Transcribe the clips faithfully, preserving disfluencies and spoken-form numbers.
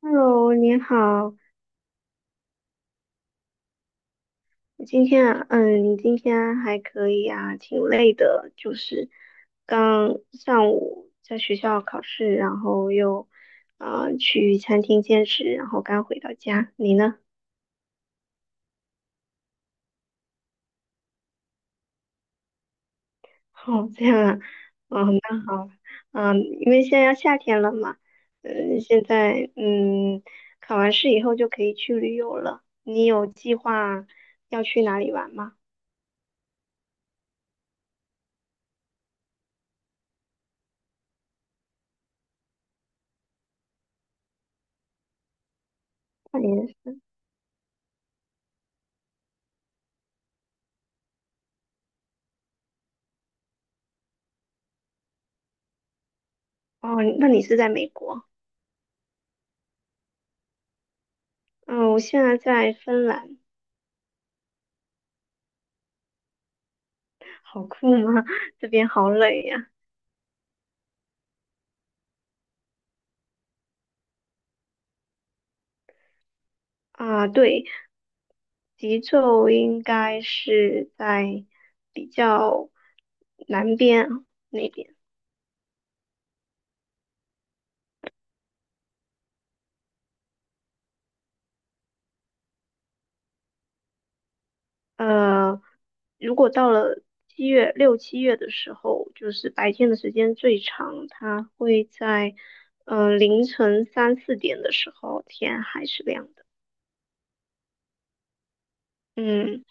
Hello，你好，今天啊嗯，你今天还可以啊，挺累的，就是刚上午在学校考试，然后又啊、呃去餐厅兼职，然后刚回到家。你呢？哦，这样啊，哦，那好，嗯，因为现在要夏天了嘛，嗯，现在嗯考完试以后就可以去旅游了。你有计划要去哪里玩吗？那你哦，那你是在美国？嗯，我现在在芬兰，好酷吗？这边好冷呀。啊，对，极昼应该是在比较南边那边。呃，如果到了七月、六七月的时候，就是白天的时间最长，它会在嗯、呃凌晨三四点的时候，天还是亮的。嗯。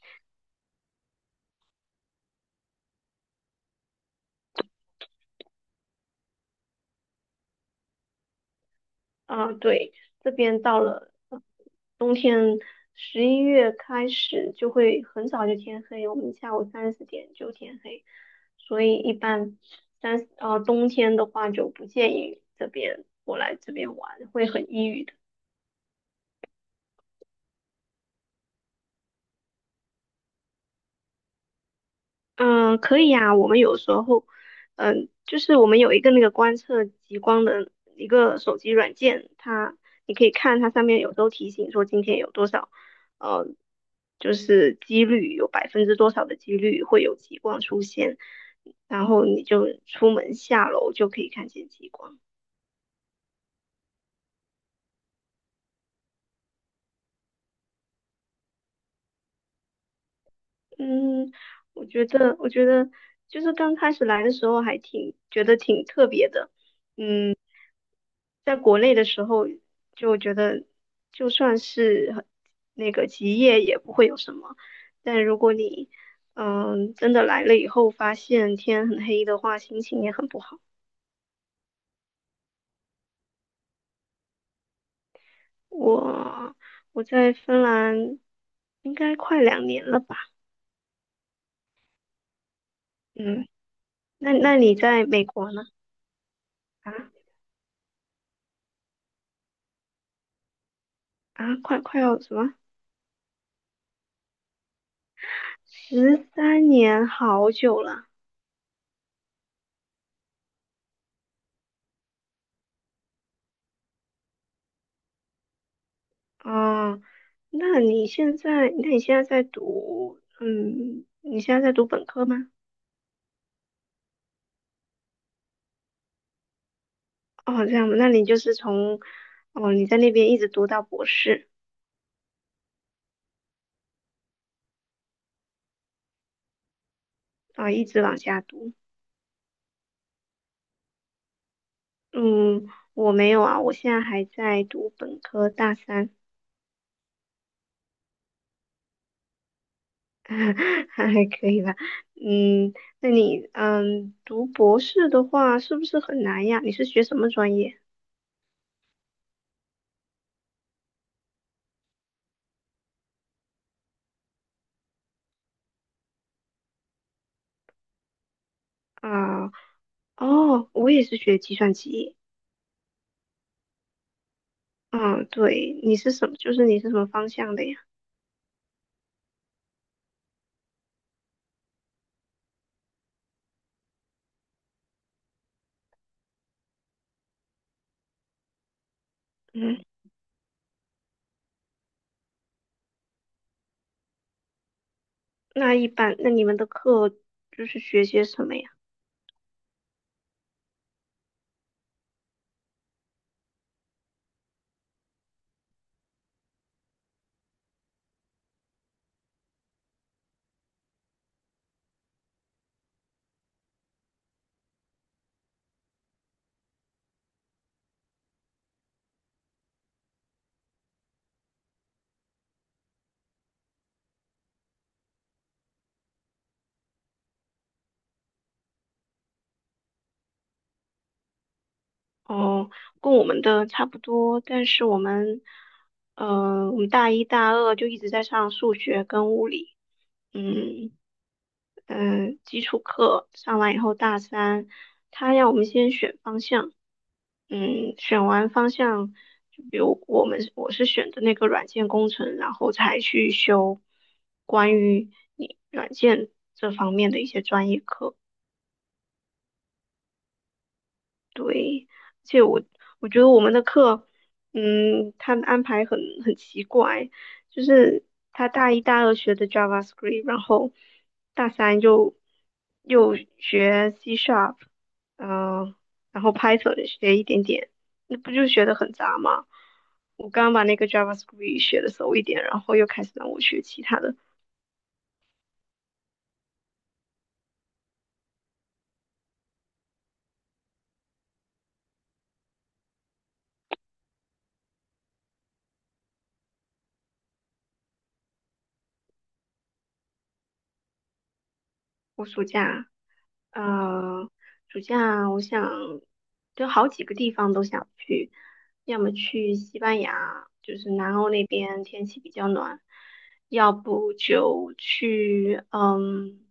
啊，对，这边到了呃冬天，十一月开始就会很早就天黑，我们下午三四点就天黑，所以一般三，呃，冬天的话就不建议这边过来这边玩，会很抑郁的。嗯，可以呀。我们有时候，嗯，就是我们有一个那个观测极光的一个手机软件，它你可以看它上面有时候提醒说今天有多少，呃，就是几率有百分之多少的几率会有极光出现，然后你就出门下楼就可以看见极光。嗯，我觉得，我觉得就是刚开始来的时候还挺觉得挺特别的。在国内的时候就觉得，就算是很那个极夜也不会有什么，但如果你嗯真的来了以后，发现天很黑的话，心情也很不好。我我在芬兰应该快两年了吧？嗯，那那你在美国呢？啊啊，快快要什么？十三年，好久了。哦，那你现在，那你现在在读，嗯，你现在在读本科吗？哦，这样吧那你就是从，哦，你在那边一直读到博士，啊、一直往下读。嗯，我没有啊，我现在还在读本科大三，还可以吧。嗯，那你，嗯，读博士的话是不是很难呀？你是学什么专业啊？哦，我也是学计算机。嗯，对，你是什么？就是你是什么方向的呀？嗯，那一般，那你们的课就是学些什么呀？哦，跟我们的差不多，但是我们，呃，我们大一、大二就一直在上数学跟物理，嗯嗯，呃基础课上完以后，大三他让我们先选方向，嗯，选完方向，就比如我们我是选的那个软件工程，然后才去修关于你软件这方面的一些专业课。累而且我我觉得我们的课，嗯，他的安排很很奇怪，就是他大一大二学的 JavaScript，然后大三又又学 C Sharp，嗯、呃然后 Python 学一点点，那不就学的很杂吗？我刚把那个 JavaScript 学的熟一点，然后又开始让我学其他的。我暑假，呃，暑假我想就好几个地方都想去，要么去西班牙，就是南欧那边天气比较暖，要不就去，嗯，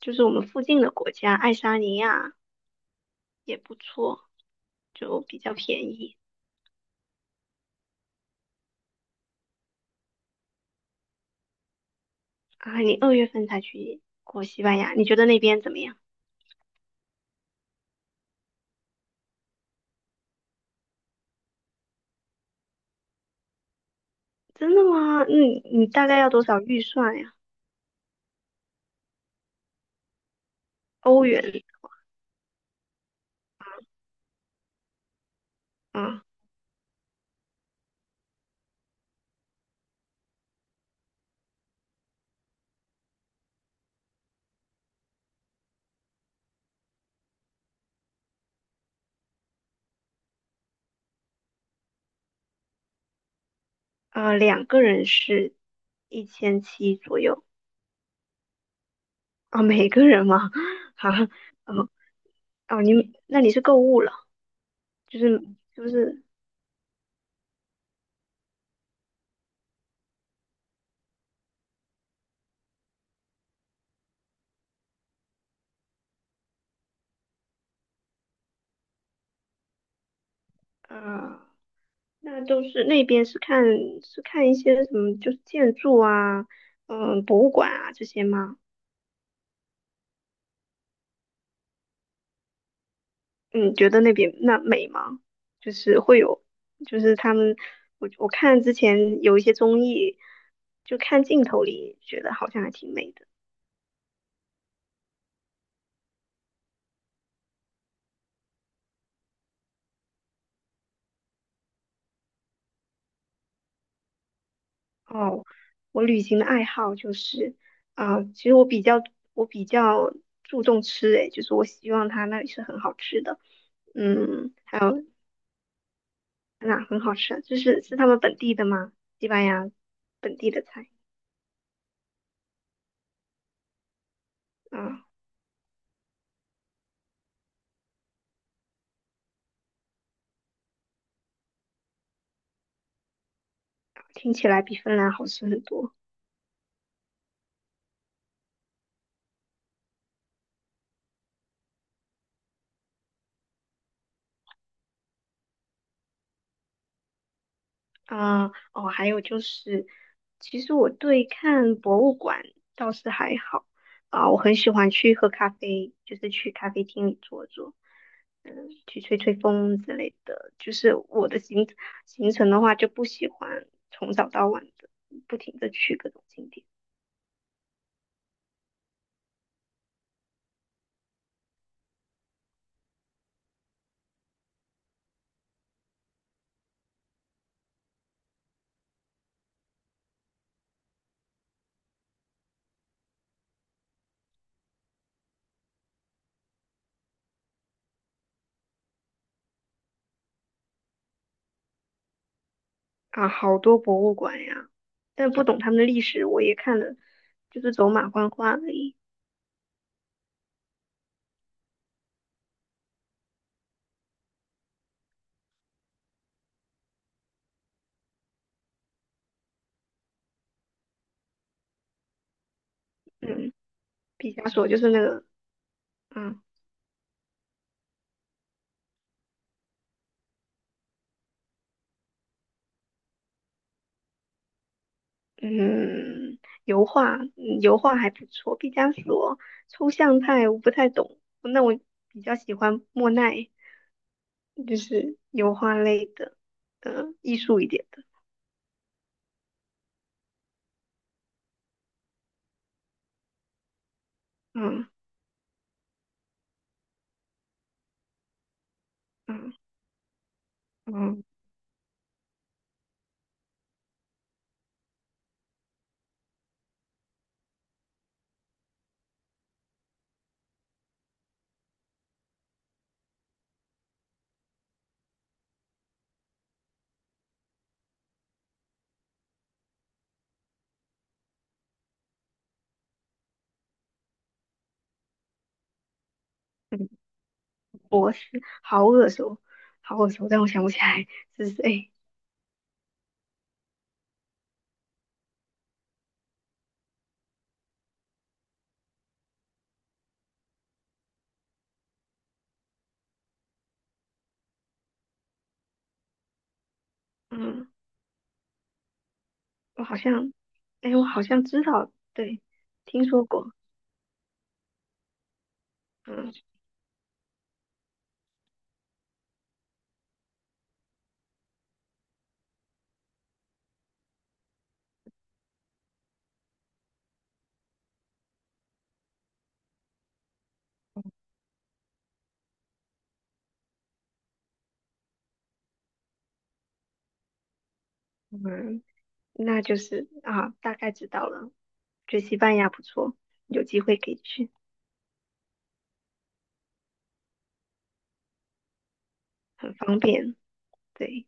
就是我们附近的国家，爱沙尼亚也不错，就比较便宜啊。你二月份才去过西班牙，你觉得那边怎么样？真的吗？嗯，你大概要多少预算呀？欧元？啊。呃，两个人是一千七左右啊，每个人吗？啊，哦哦，你们那你是购物了，就是就是？呃，那都是那边是看是看一些什么，就是建筑啊，嗯，博物馆啊这些吗？嗯，觉得那边那美吗？就是会有，就是他们，我我看之前有一些综艺，就看镜头里觉得好像还挺美的。哦，我旅行的爱好就是，啊、其实我比较我比较注重吃，诶，就是我希望他那里是很好吃的，嗯，还有哪很好吃啊？就是是他们本地的吗？西班牙本地的菜，啊、听起来比芬兰好吃很多，啊、哦，还有就是，其实我对看博物馆倒是还好，啊、我很喜欢去喝咖啡，就是去咖啡厅里坐坐。嗯，去吹吹风之类的。就是我的行行程的话，就不喜欢从早到晚的不停的去各种景点啊，好多博物馆呀，但不懂他们的历史，我也看了，就是走马观花而已。嗯，毕加索就是那个，嗯嗯，油画，嗯油画还不错。毕加索抽象派我不太懂，那我比较喜欢莫奈，就是油画类的，嗯，艺术一点的。嗯嗯。啊嗯嗯，博士，好耳熟，好耳熟，但我想不起来是谁。嗯，我好像，哎，我好像知道，对，听说过。嗯嗯，那就是啊，大概知道了。觉得西班牙不错，有机会可以去，很方便。对，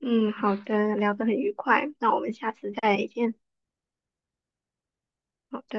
嗯，好的，聊得很愉快，那我们下次再见。好的。